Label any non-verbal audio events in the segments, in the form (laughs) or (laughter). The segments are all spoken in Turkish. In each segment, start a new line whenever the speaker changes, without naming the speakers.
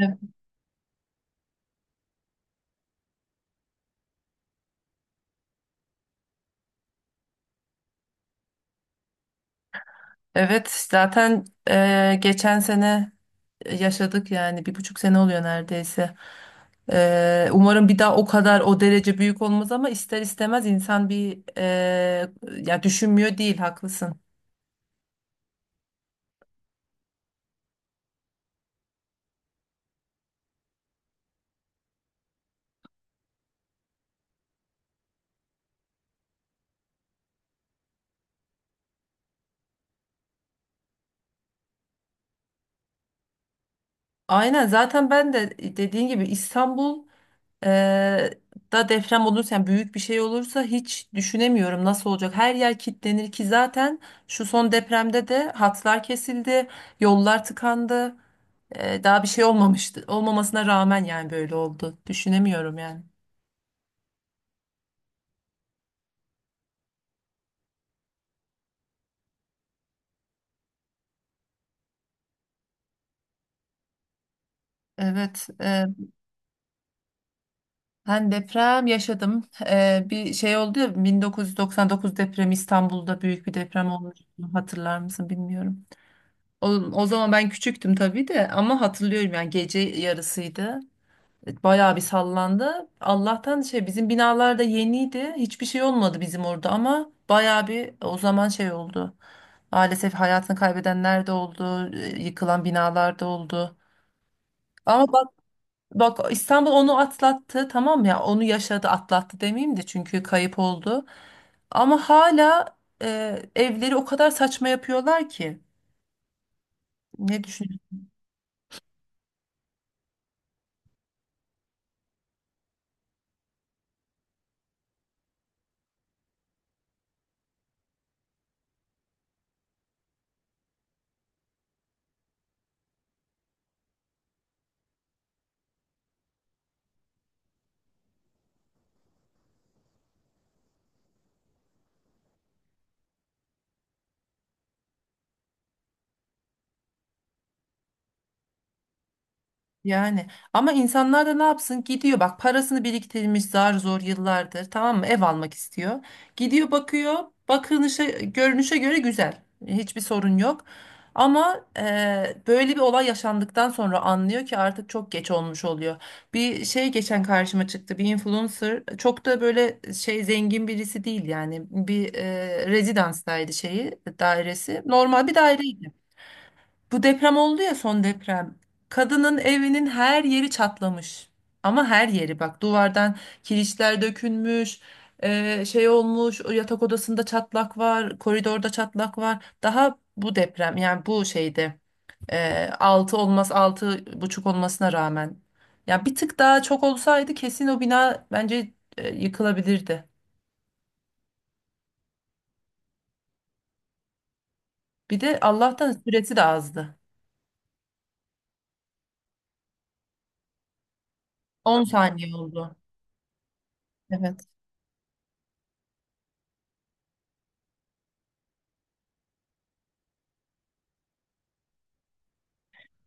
Ev- Evet, zaten geçen sene yaşadık, yani 1,5 sene oluyor neredeyse. Umarım bir daha o kadar o derece büyük olmaz ama ister istemez insan bir ya, düşünmüyor değil, haklısın. Aynen, zaten ben de dediğin gibi İstanbul e, da deprem olursa, yani büyük bir şey olursa, hiç düşünemiyorum nasıl olacak. Her yer kilitlenir ki zaten şu son depremde de hatlar kesildi, yollar tıkandı. Daha bir şey olmamıştı. Olmamasına rağmen yani böyle oldu. Düşünemiyorum yani. Evet, ben deprem yaşadım. Bir şey oldu ya, 1999 depremi, İstanbul'da büyük bir deprem olmuştu. Hatırlar mısın bilmiyorum. O zaman ben küçüktüm tabii de ama hatırlıyorum, yani gece yarısıydı. Bayağı bir sallandı. Allah'tan şey, bizim binalar da yeniydi. Hiçbir şey olmadı bizim orada ama bayağı bir o zaman şey oldu. Maalesef hayatını kaybedenler de oldu, yıkılan binalar da oldu. Ama bak, bak, İstanbul onu atlattı, tamam mı? Ya onu yaşadı, atlattı demeyeyim de çünkü kayıp oldu. Ama hala evleri o kadar saçma yapıyorlar ki. Ne Yani, ama insanlar da ne yapsın, gidiyor bak, parasını biriktirmiş zar zor yıllardır, tamam mı, ev almak istiyor. Gidiyor, bakıyor, bakınışa, görünüşe göre güzel, hiçbir sorun yok. Ama böyle bir olay yaşandıktan sonra anlıyor ki artık çok geç olmuş oluyor. Bir şey geçen karşıma çıktı, bir influencer, çok da böyle şey zengin birisi değil, yani bir rezidanstaydı, şeyi dairesi normal bir daireydi. Bu deprem oldu ya, son deprem. Kadının evinin her yeri çatlamış. Ama her yeri, bak, duvardan kirişler dökülmüş. Olmuş, o yatak odasında çatlak var, koridorda çatlak var. Daha bu deprem, yani bu şeyde 6 olmaz, 6,5 olmasına rağmen. Ya bir tık daha çok olsaydı, kesin o bina bence yıkılabilirdi. Bir de Allah'tan süresi de azdı. 10 saniye oldu. Evet.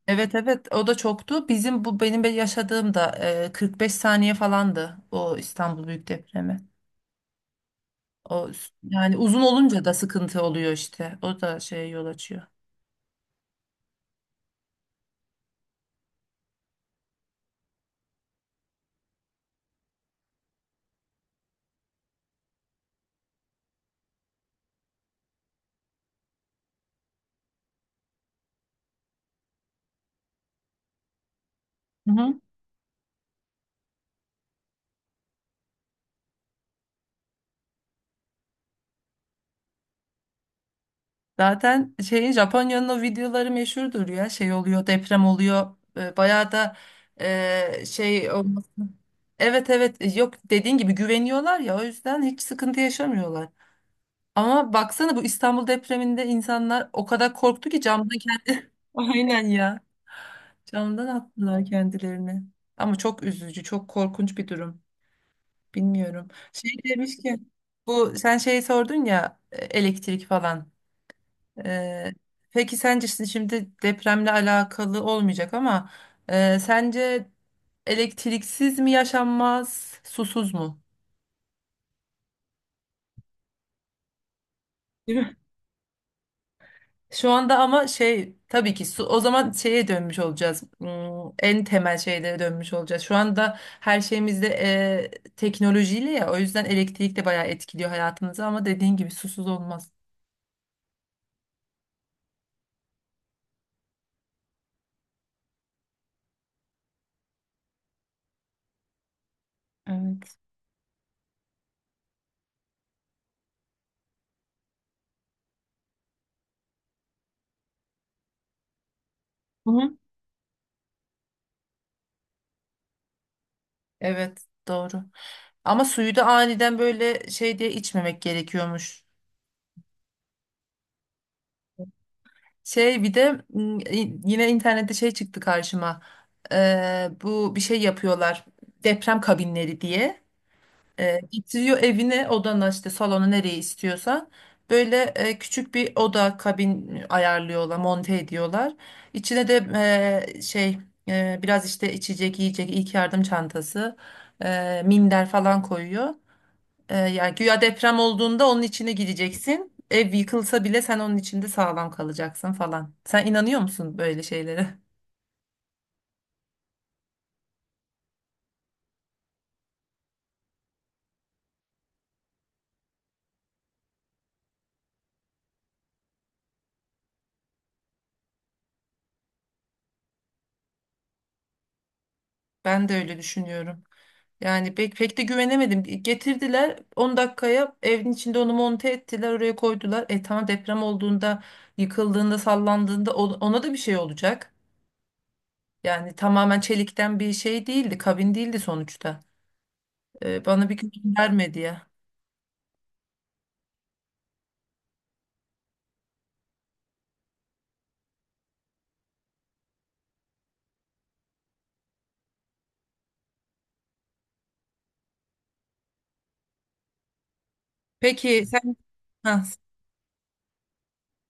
Evet, evet, o da çoktu. Bizim bu benim yaşadığım da 45 saniye falandı, o İstanbul Büyük Depremi. O yani uzun olunca da sıkıntı oluyor işte. O da şeye yol açıyor. Hı hı. Zaten şeyin, Japonya'nın o videoları meşhurdur ya. Şey oluyor, deprem oluyor. Bayağı da şey olması. Evet, evet, yok, dediğin gibi güveniyorlar ya, o yüzden hiç sıkıntı yaşamıyorlar. Ama baksana, bu İstanbul depreminde insanlar o kadar korktu ki. Aynen ya. Camdan attılar kendilerini. Ama çok üzücü, çok korkunç bir durum. Bilmiyorum. Şey demiş ki, bu, sen şey sordun ya, elektrik falan. Ee, peki sence, şimdi depremle alakalı olmayacak ama sence elektriksiz mi yaşanmaz, susuz mu? (laughs) Şu anda ama şey, tabii ki su, o zaman şeye dönmüş olacağız. En temel şeylere dönmüş olacağız. Şu anda her şeyimizde teknolojiyle, ya, o yüzden elektrik de bayağı etkiliyor hayatımızı, ama dediğin gibi susuz olmaz. Evet. Hı hı. Evet, doğru. Ama suyu da aniden böyle şey diye içmemek gerekiyormuş. Şey, bir de yine internette şey çıktı karşıma. Bu bir şey yapıyorlar, deprem kabinleri diye. Getiriyor evine, odana, işte salona, nereye istiyorsan. Böyle küçük bir oda kabin ayarlıyorlar, monte ediyorlar. İçine de e, şey biraz işte içecek, yiyecek, ilk yardım çantası, minder falan koyuyor. Yani güya deprem olduğunda onun içine gireceksin, ev yıkılsa bile sen onun içinde sağlam kalacaksın falan. Sen inanıyor musun böyle şeylere? (laughs) Ben de öyle düşünüyorum. Yani pek pek de güvenemedim. Getirdiler, 10 dakikaya evin içinde onu monte ettiler, oraya koydular. E tamam, deprem olduğunda, yıkıldığında, sallandığında ona da bir şey olacak. Yani tamamen çelikten bir şey değildi, kabin değildi sonuçta. Bana bir güven vermedi ya. Peki sen ha,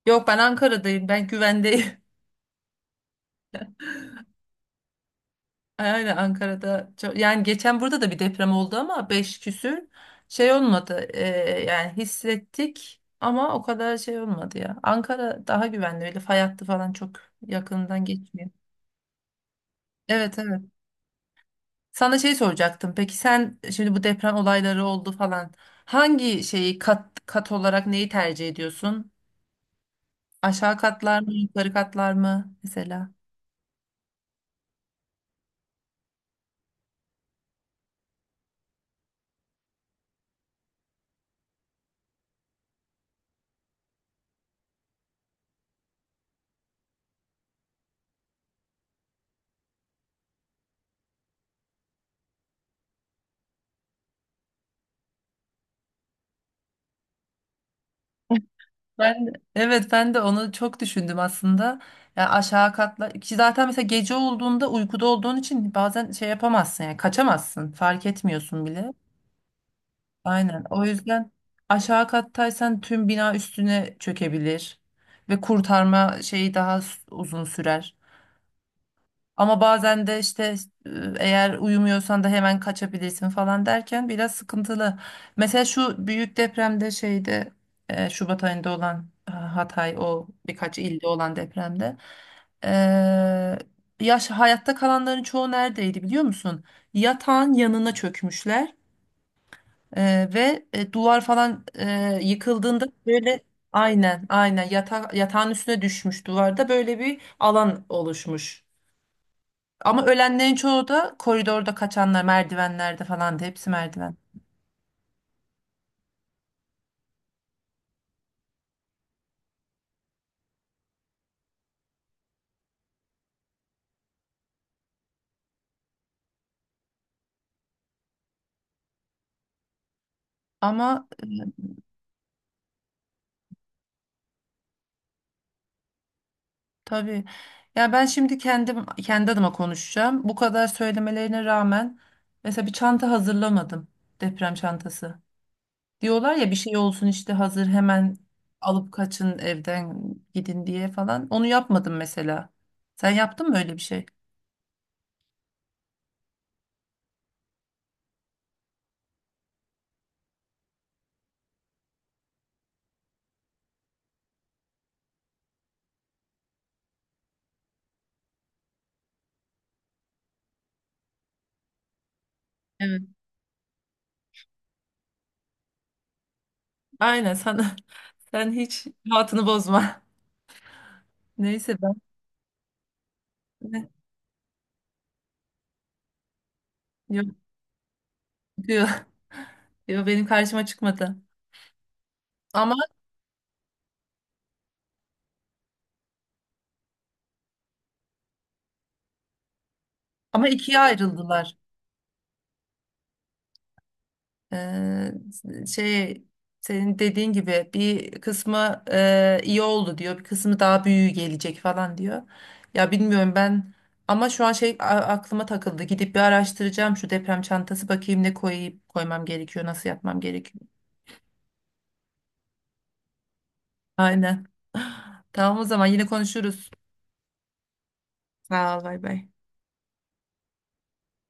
yok ben Ankara'dayım. Ben güvendeyim. Aynen, Ankara'da çok, yani geçen burada da bir deprem oldu ama 5 küsür, şey olmadı. Yani hissettik ama o kadar şey olmadı ya. Ankara daha güvenli, öyle fay hattı falan çok yakından geçmiyor. Evet, evet. Sana şey soracaktım. Peki sen şimdi, bu deprem olayları oldu falan, hangi şeyi, kat kat olarak neyi tercih ediyorsun? Aşağı katlar mı, yukarı katlar mı mesela? Ben, evet, ben de onu çok düşündüm aslında. Yani aşağı katla ki zaten, mesela gece olduğunda uykuda olduğun için bazen şey yapamazsın, yani kaçamazsın, fark etmiyorsun bile. Aynen, o yüzden aşağı kattaysan tüm bina üstüne çökebilir ve kurtarma şeyi daha uzun sürer. Ama bazen de işte e, eğer uyumuyorsan da hemen kaçabilirsin falan derken, biraz sıkıntılı. Mesela şu büyük depremde, şeyde, Şubat ayında olan, Hatay, o birkaç ilde olan depremde, e, yaş hayatta kalanların çoğu neredeydi biliyor musun? Yatağın yanına çökmüşler ve duvar falan yıkıldığında böyle, aynen, aynen, yatağın üstüne düşmüş, duvarda böyle bir alan oluşmuş. Ama ölenlerin çoğu da koridorda kaçanlar, merdivenlerde falan, da hepsi merdiven. Ama tabii. Ya ben şimdi kendim, kendi adıma konuşacağım. Bu kadar söylemelerine rağmen mesela bir çanta hazırlamadım, deprem çantası. Diyorlar ya, bir şey olsun işte, hazır hemen alıp kaçın evden, gidin diye falan. Onu yapmadım mesela. Sen yaptın mı öyle bir şey? Evet. Aynen, (laughs) sen hiç rahatını bozma. (laughs) Neyse ben. Yok, diyor. (laughs) Diyor, benim karşıma çıkmadı. Ama ikiye ayrıldılar. Ee, şey senin dediğin gibi bir kısmı iyi oldu diyor, bir kısmı daha büyüğü gelecek falan diyor. Ya, bilmiyorum ben, ama şu an aklıma takıldı. Gidip bir araştıracağım şu deprem çantası, bakayım ne koyayım, koymam gerekiyor, nasıl yapmam gerekiyor. Aynen. (laughs) (sighs) Tamam, o zaman yine konuşuruz. Sağ ol, bay bay.